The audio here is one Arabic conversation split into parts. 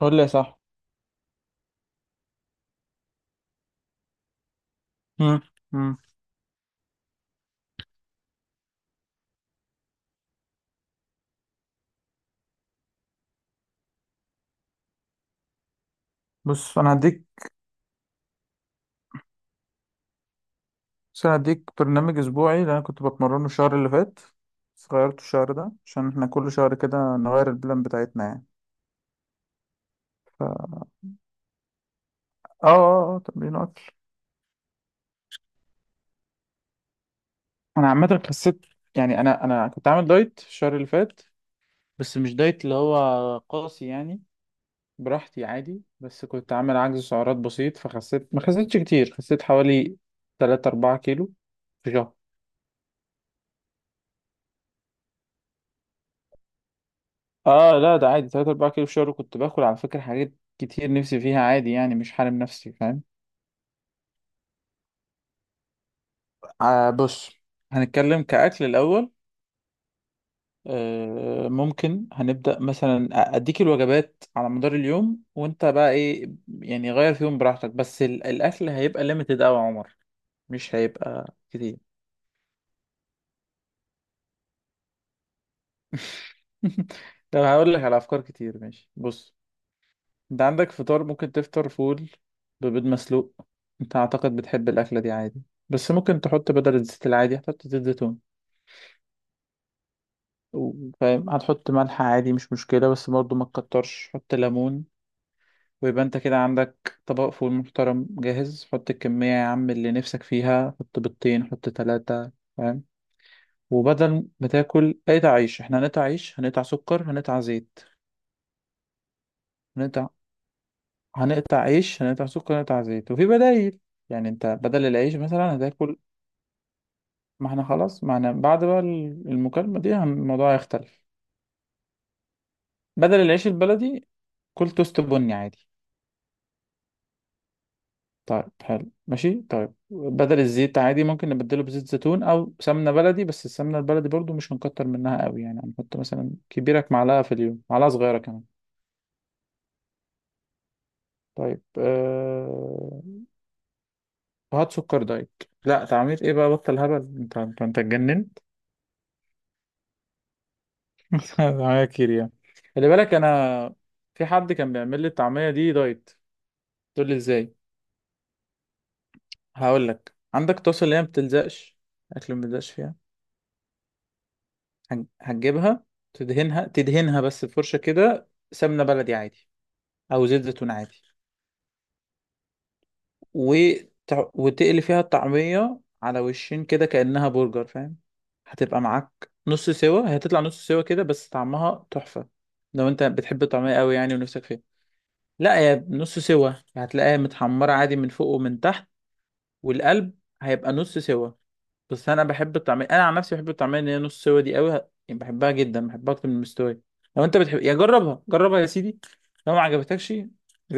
قول لي صح. مم. مم. بص انا هديك بس أنا هديك برنامج اسبوعي اللي انا كنت بتمرنه الشهر اللي فات، بس غيرته الشهر ده عشان احنا كل شهر كده نغير البلان بتاعتنا يعني. ف اه اه اه تمرين اكل. انا عامه خسيت، يعني انا كنت عامل دايت الشهر اللي فات، بس مش دايت اللي هو قاسي يعني، براحتي عادي، بس كنت عامل عجز سعرات بسيط فخسيت، ما خسيتش كتير، خسيت حوالي 3 4 كيلو في شهر. اه لا، ده عادي 3 4 كيلو في الشهر، كنت باكل على فكرة حاجات كتير نفسي فيها عادي، يعني مش حارم نفسي فاهم. آه بص، هنتكلم كأكل الأول. آه، ممكن هنبدأ مثلا أديك الوجبات على مدار اليوم، وأنت بقى إيه، يعني غير فيهم براحتك، بس الأكل هيبقى ليميتد أوي يا عمر، مش هيبقى كتير. طب هقول لك على أفكار كتير، ماشي بص. انت عندك فطار ممكن تفطر فول ببيض مسلوق، انت اعتقد بتحب الاكله دي عادي، بس ممكن تحط بدل الزيت العادي هتحط زيت زيتون، فاهم، هتحط ملح عادي مش مشكله، بس برضه ما تكترش، حط ليمون. ويبقى انت كده عندك طبق فول محترم جاهز، حط الكميه يا عم اللي نفسك فيها، حط بيضتين، حط ثلاثه فاهم. وبدل ما تاكل قطع عيش، احنا هنقطع عيش، هنقطع سكر، هنقطع زيت. هنقطع هنقطع عيش، هنقطع سكر، هنقطع زيت، وفي بدايل، يعني انت بدل العيش مثلا هتاكل... ما احنا خلاص، ما احنا بعد بقى المكالمة دي الموضوع هيختلف. بدل العيش البلدي، كل توست بني عادي. طيب حلو ماشي، طيب بدل الزيت عادي ممكن نبدله بزيت زيتون او سمنة بلدي، بس السمنة البلدي برضو مش هنكتر منها قوي، يعني هنحط مثلا كبيرك معلقة في اليوم، معلقة صغيرة كمان. طيب هات سكر دايت! لا تعمير ايه بقى، بطل هبل! انت اتجننت! طعمية كتير يعني؟ خلي بالك، انا في حد كان بيعمل لي الطعمية دي دايت، تقول لي ازاي؟ هقول لك، عندك طاسة اللي هي ما بتلزقش، الاكل ما بيلزقش فيها، هتجيبها تدهنها، تدهنها بس بفرشة كده سمنة بلدي عادي، او زيت زيتون عادي، وتقلي فيها الطعمية على وشين كده كأنها برجر فاهم. هتبقى معاك نص سوا، هي هتطلع نص سوا كده، بس طعمها تحفة، لو انت بتحب الطعمية قوي يعني ونفسك فيها. لا هي نص سوا، هتلاقيها متحمرة عادي من فوق ومن تحت، والقلب هيبقى نص سوا. بس انا بحب الطعميه، انا عن نفسي بحب الطعميه اللي هي نص سوا دي قوي، يعني بحبها جدا، بحبها اكتر من المستويه. لو انت بتحب، يا جربها جربها يا سيدي، لو ما عجبتكش يبقى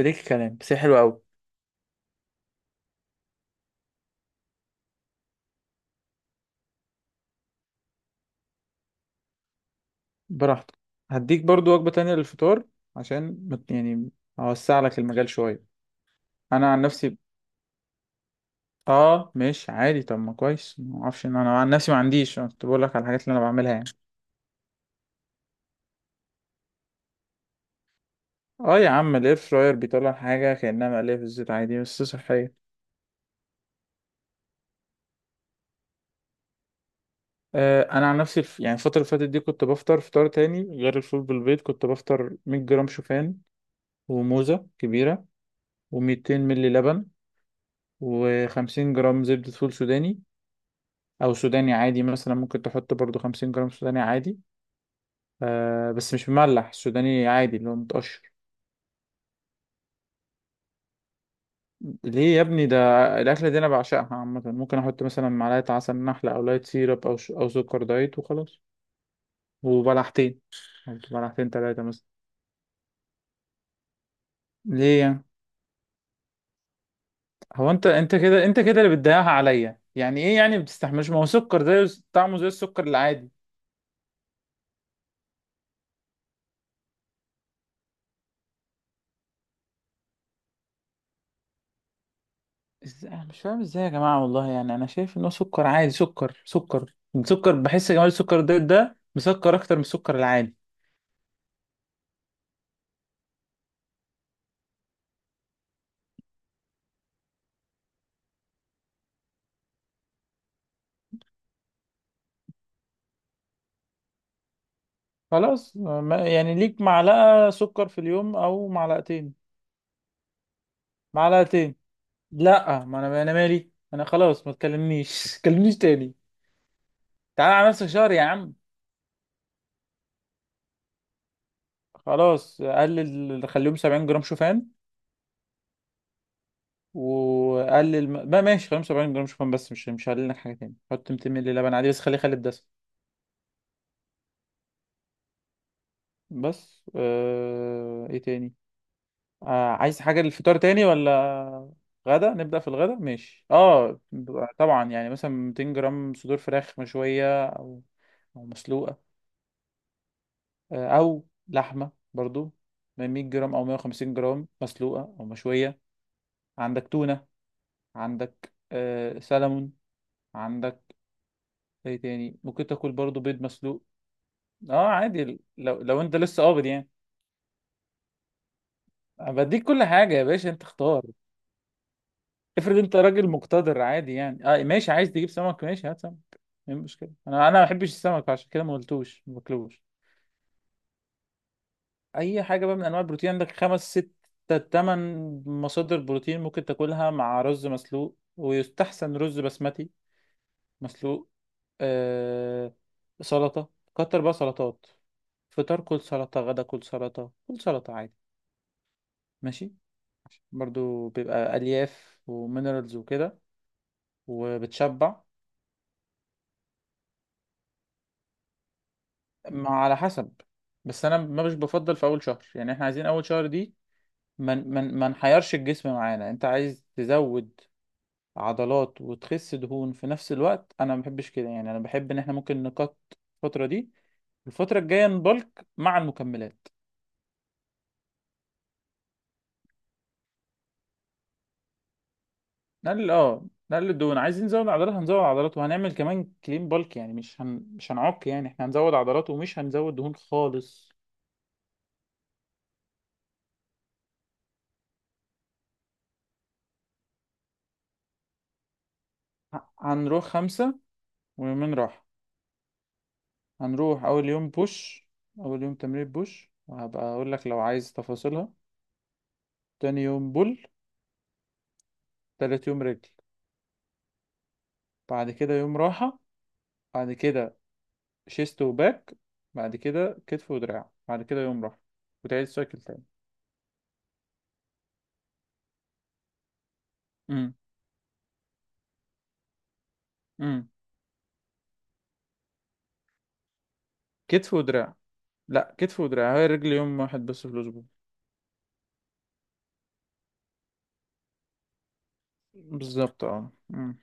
ليك الكلام، بس هي حلوه قوي. براحتك. هديك برضو وجبه تانية للفطار، عشان يعني اوسع لك المجال شويه. انا عن نفسي اه، ماشي عادي، طب ما كويس، ما اعرفش ان انا عن نفسي ما عنديش، انا كنت بقول لك على الحاجات اللي انا بعملها يعني. اه يا عم، الاير فراير بيطلع حاجه كانها مقليه في الزيت عادي، بس صحيه. آه، انا عن نفسي يعني الفتره اللي فاتت دي كنت بفطر فطار تاني غير الفول بالبيض، كنت بفطر 100 جرام شوفان، وموزه كبيره، و200 ملي لبن، و50 جرام زبده فول سوداني، او سوداني عادي، مثلا ممكن تحط برضو 50 جرام سوداني عادي. آه بس مش مملح، سوداني عادي اللي هو متقشر. ليه يا ابني ده؟ الاكله دي انا بعشقها عامه، ممكن احط مثلا معلقه عسل نحله، او لايت سيرب، او سكر دايت وخلاص، وبلحتين، بلحتين ثلاثه مثلا. ليه يعني؟ هو انت انت كده، انت كده اللي بتضيعها عليا، يعني ايه يعني ما بتستحملوش؟ ما هو سكر ده طعمه زي السكر العادي. انا مش فاهم ازاي يا جماعه والله، يعني انا شايف ان هو سكر عادي، سكر سكر، السكر بحس يا جماعه السكر ده ده مسكر اكتر من السكر العادي. خلاص يعني ليك معلقه سكر في اليوم، او معلقتين. معلقتين؟ لا، ما انا انا مالي، انا خلاص ما تكلمنيش تكلمنيش تاني. تعالى على نفسك شهر يا عم! خلاص قلل، خليهم 70 جرام شوفان. وقلل بقى ماشي 75 جرام شوفان، بس مش مش هقلل لك حاجه تاني، حط 200 مللي لبن عادي، بس خليه خالي الدسم. بس ايه تاني؟ عايز حاجه للفطار تاني ولا غدا؟ نبدا في الغدا ماشي اه. طبعا، يعني مثلا 200 جرام صدور فراخ مشويه، او او مسلوقه. او لحمه برضو 100 جرام او 150 جرام مسلوقه او مشويه. عندك تونه، عندك سلمون، عندك ايه تاني؟ ممكن تاكل برضو بيض مسلوق. اه عادي، لو انت لسه قابض يعني. أنا بديك كل حاجه يا باشا، انت اختار. افرض انت راجل مقتدر عادي، يعني اه ماشي عايز تجيب سمك، ماشي هات سمك. ايه المشكله؟ انا ما بحبش السمك عشان كده ما قلتوش، ما باكلوش. اي حاجه بقى من انواع البروتين، عندك خمس ست تمن مصادر بروتين، ممكن تاكلها مع رز مسلوق، ويستحسن رز بسمتي مسلوق. آه، سلطه، كتر بقى سلطات، فطار كل سلطه، غدا كل سلطه، كل سلطه عادي ماشي. برضو بيبقى ألياف ومينرالز وكده، وبتشبع. ما على حسب، بس أنا ما مش بفضل في أول شهر، يعني إحنا عايزين أول شهر دي ما من من ما نحيرش الجسم معانا. أنت عايز تزود عضلات وتخس دهون في نفس الوقت، أنا ما بحبش كده يعني، أنا بحب إن إحنا ممكن نقط الفترة دي، الفترة الجاية نبلك مع المكملات. نقلل اه، نقلل الدهون، عايزين نزود عضلات، هنزود عضلات، وهنعمل كمان كلين بالك يعني، مش مش هنعك، يعني احنا هنزود عضلات ومش هنزود دهون خالص. هنروح خمسة ويومين راحة. هنروح أول يوم بوش، أول يوم تمرين بوش، وهبقى أقول لك لو عايز تفاصيلها. تاني يوم بول، تالت يوم رجل، بعد كده يوم راحة، بعد كده شيست وباك، بعد كده كتف ودراع، بعد كده يوم راحة، وتعيد السايكل تاني. امم. امم. كتف ودراع. لا، كتف ودراع، هي الرجل يوم واحد بس في الأسبوع. بالظبط اه. امم.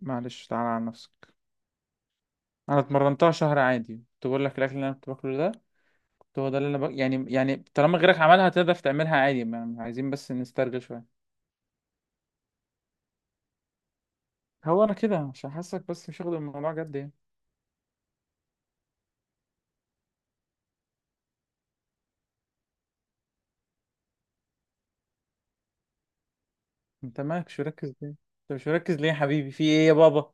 معلش، تعالى على نفسك. أنا اتمرنتها شهر عادي، كنت بقول لك الأكل اللي أنا كنت باكله ده، هو ده اللي انا يعني، يعني طالما غيرك عملها تقدر تعملها عادي، ما عايزين بس نسترجل شويه. هو انا كده عشان حاسك بس مش واخد الموضوع جد يعني. انت مالك مش مركز ليه، انت مش مركز ليه يا حبيبي، في ايه يا بابا؟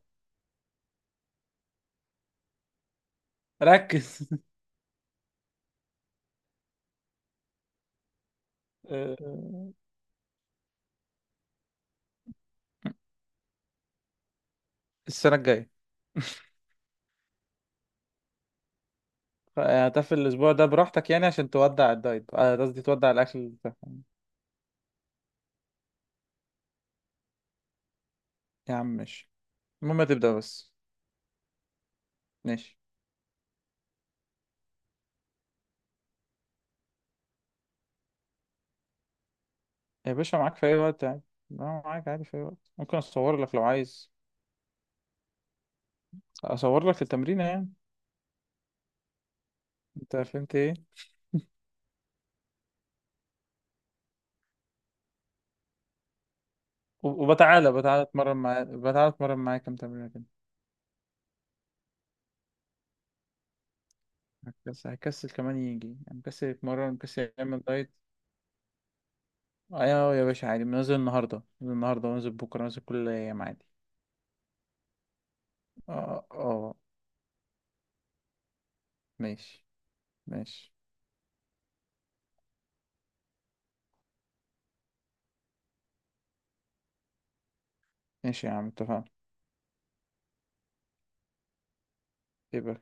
ركز! آه، السنه الجايه. هتقفل الاسبوع ده براحتك، يعني عشان تودع الدايت، آه، قصدي تودع الاكل ده. يا عم ماشي، المهم تبدا بس. ماشي يا باشا، معاك في اي وقت عادي. لا، معاك عادي في اي وقت، ممكن اصور لك لو عايز، اصور لك التمرين يعني، انت فهمت ايه؟ وبتعالى بتعالى اتمرن معاه، بتعالى اتمرن معاه كام تمرينة كده. هكسل كمان، يجي يعني مكسل يتمرن، مكسل يعمل دايت. ايوه أيوه يا باشا عادي، نازل النهارده، نازل النهارده ونازل بكره، نازل كل ايام عادي. اه اه ماشي. ماشي. ماشي يا عم، اتفقنا. يبقى